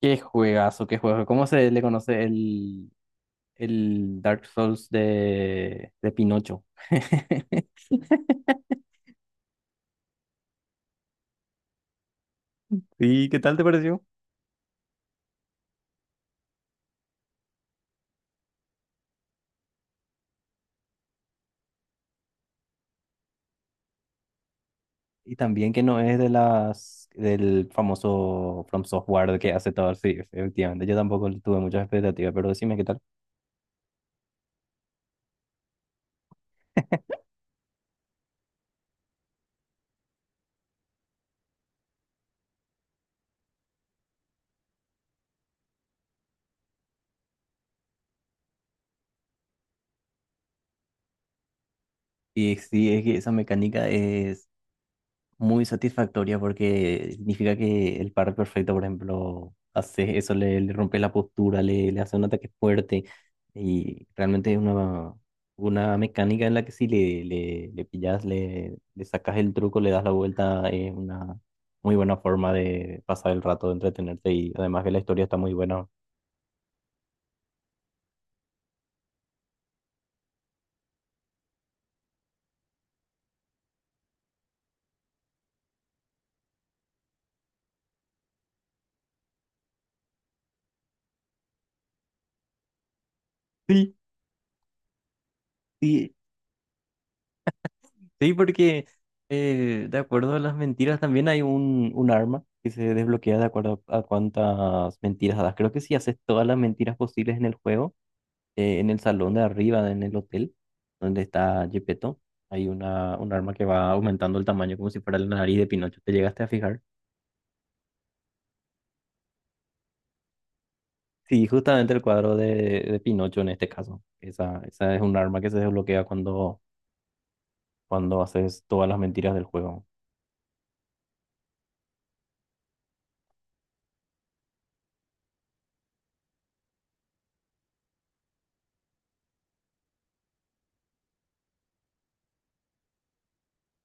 Qué juegazo, qué juego. ¿Cómo se le conoce el Dark Souls de Pinocho? ¿Y qué tal te pareció? Y también que no es de las del famoso From Software que hace todo. Sí, efectivamente. Yo tampoco tuve muchas expectativas, pero decime qué tal. Y sí, es que esa mecánica es muy satisfactoria porque significa que el par perfecto, por ejemplo, hace eso, le rompe la postura, le hace un ataque fuerte y realmente es una mecánica en la que si le pillas, le sacas el truco, le das la vuelta, es una muy buena forma de pasar el rato, de entretenerte y además que la historia está muy buena. Sí. Sí, Sí, porque de acuerdo a las mentiras también hay un arma que se desbloquea de acuerdo a cuántas mentiras das. Creo que si haces todas las mentiras posibles en el juego, en el salón de arriba, en el hotel donde está Gepetto, hay una, un arma que va aumentando el tamaño como si fuera la nariz de Pinocho. ¿Te llegaste a fijar? Sí, justamente el cuadro de Pinocho en este caso. Esa es un arma que se desbloquea cuando haces todas las mentiras del juego.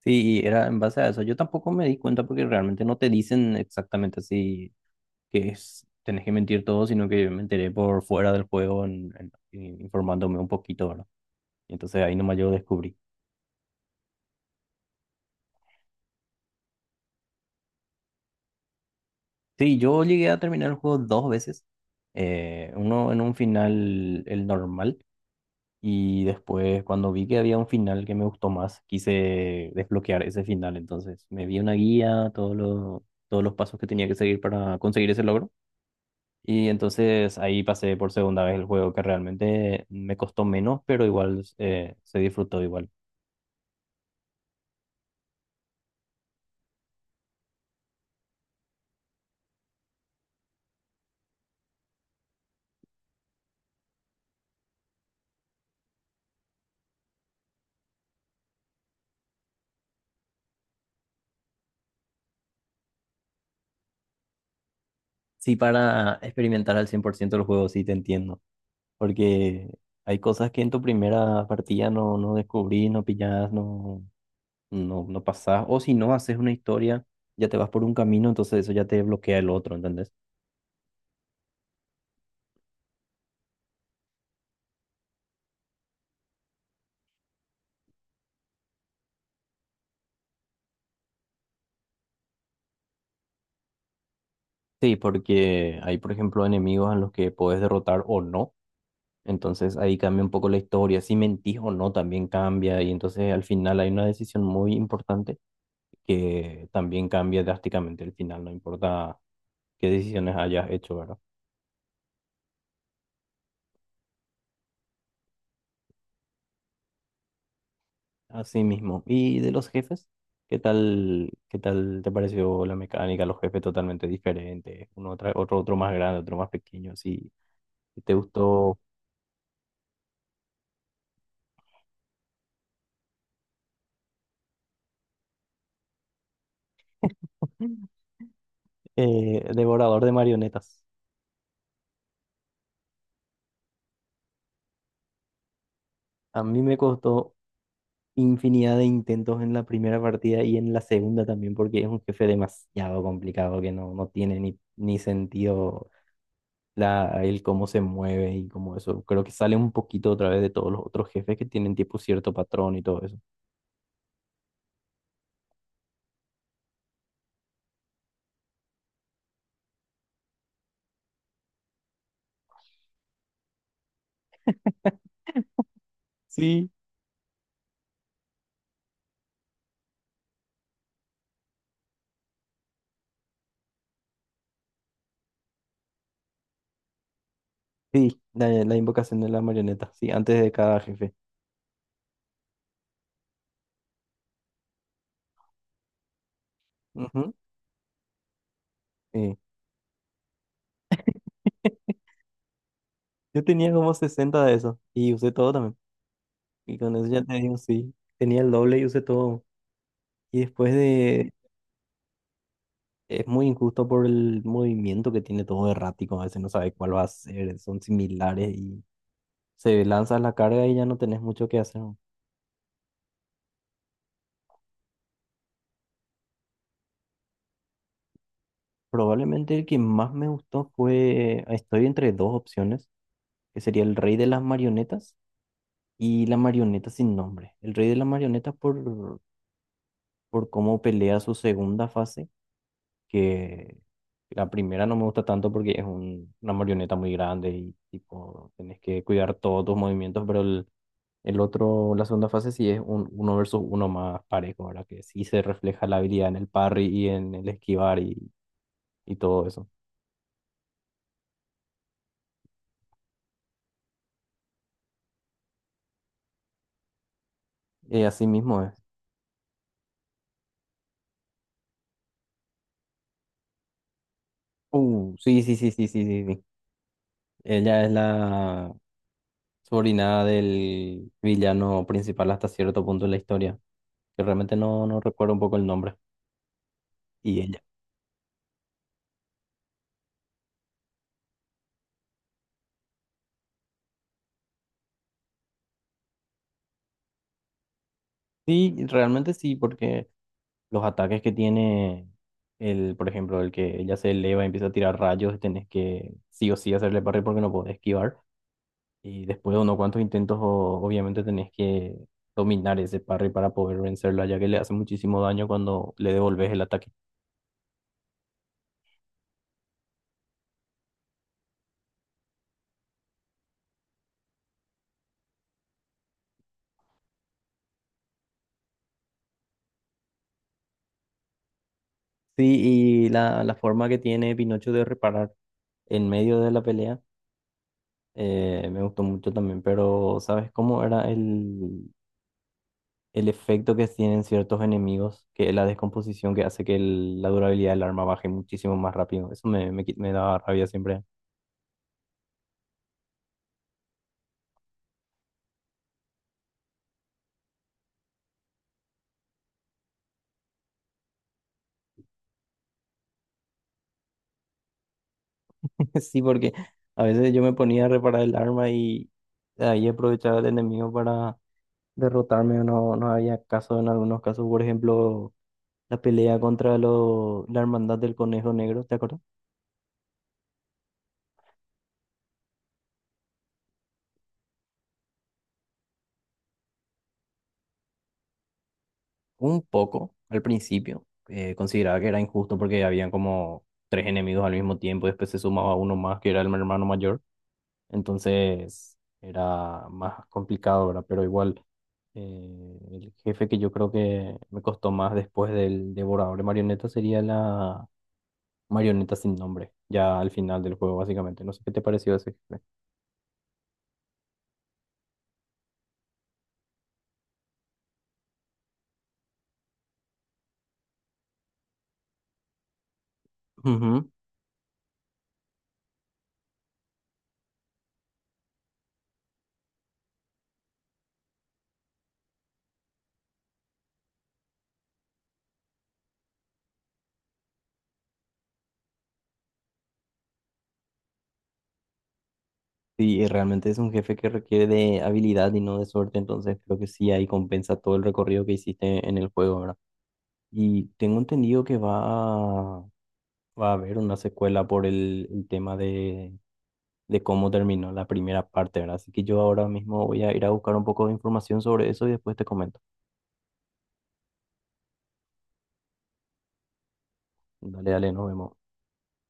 Sí, y era en base a eso. Yo tampoco me di cuenta porque realmente no te dicen exactamente así que es, tenés que mentir todo, sino que yo me enteré por fuera del juego informándome un poquito, ¿verdad? Y entonces ahí nomás yo descubrí. Sí, yo llegué a terminar el juego dos veces. Uno en un final, el normal, y después cuando vi que había un final que me gustó más, quise desbloquear ese final. Entonces me vi una guía, todos los pasos que tenía que seguir para conseguir ese logro. Y entonces ahí pasé por segunda vez el juego que realmente me costó menos, pero igual se disfrutó igual. Sí, para experimentar al 100% el juego, sí te entiendo, porque hay cosas que en tu primera partida no descubrís, no pillás, no pasás, o si no haces una historia, ya te vas por un camino, entonces eso ya te bloquea el otro, ¿entendés? Sí, porque hay, por ejemplo, enemigos en los que puedes derrotar o no. Entonces ahí cambia un poco la historia, si mentís o no también cambia y entonces al final hay una decisión muy importante que también cambia drásticamente el final, no importa qué decisiones hayas hecho, ¿verdad? Así mismo. ¿Y de los jefes? ¿Qué tal te pareció la mecánica? Los jefes totalmente diferentes, otro, otro más grande, otro más pequeño, si te gustó. Devorador de Marionetas. A mí me costó infinidad de intentos en la primera partida y en la segunda también, porque es un jefe demasiado complicado que no tiene ni sentido el cómo se mueve y como eso. Creo que sale un poquito otra vez de todos los otros jefes que tienen tipo cierto patrón y todo eso. Sí, sí, la invocación de la marioneta, sí, antes de cada jefe. Ujú, sí. Yo tenía como 60 de eso y usé todo también. Y con eso ya te digo, sí, tenía el doble y usé todo. Y después de... Es muy injusto por el movimiento que tiene todo errático, a veces no sabes cuál va a ser, son similares y se lanzas la carga y ya no tenés mucho que hacer. Probablemente el que más me gustó fue, estoy entre dos opciones, que sería el rey de las marionetas y la marioneta sin nombre. El rey de las marionetas por cómo pelea su segunda fase, que la primera no me gusta tanto porque es una marioneta muy grande y tipo, tenés que cuidar todos tus movimientos, El otro, la segunda fase sí es un uno versus uno más parejo, ¿verdad? Que sí se refleja la habilidad en el parry y en el esquivar y todo eso. Y así mismo es. Sí, sí, sí, sí, sí, sí, sí. Ella es la sobrina del villano principal hasta cierto punto de la historia, que realmente no recuerdo un poco el nombre. Y ella. Sí, realmente sí, porque los ataques que tiene por ejemplo, el que ella se eleva y empieza a tirar rayos, tenés que sí o sí hacerle parry porque no podés esquivar. Y después de unos cuantos intentos, obviamente tenés que dominar ese parry para poder vencerla, ya que le hace muchísimo daño cuando le devolves el ataque. Sí, y la forma que tiene Pinocho de reparar en medio de la pelea me gustó mucho también, pero ¿sabes cómo era el efecto que tienen ciertos enemigos? Que es la descomposición que hace que la durabilidad del arma baje muchísimo más rápido. Eso me daba rabia siempre. Sí, porque a veces yo me ponía a reparar el arma y ahí aprovechaba el enemigo para derrotarme o no, no había caso en algunos casos. Por ejemplo, la pelea contra la Hermandad del Conejo Negro, ¿te acuerdas? Un poco al principio. Consideraba que era injusto porque habían como tres enemigos al mismo tiempo y después se sumaba uno más que era el hermano mayor. Entonces era más complicado, ¿verdad? Pero igual, el jefe que yo creo que me costó más después del devorador de marionetas sería la marioneta sin nombre, ya al final del juego, básicamente. No sé qué te pareció ese jefe. Ujú. Sí, y realmente es un jefe que requiere de habilidad y no de suerte, entonces creo que sí ahí compensa todo el recorrido que hiciste en el juego, ¿verdad? Y tengo entendido que a, va a haber una secuela por el tema de cómo terminó la primera parte, ¿verdad? Así que yo ahora mismo voy a ir a buscar un poco de información sobre eso y después te comento. Dale, dale, nos vemos.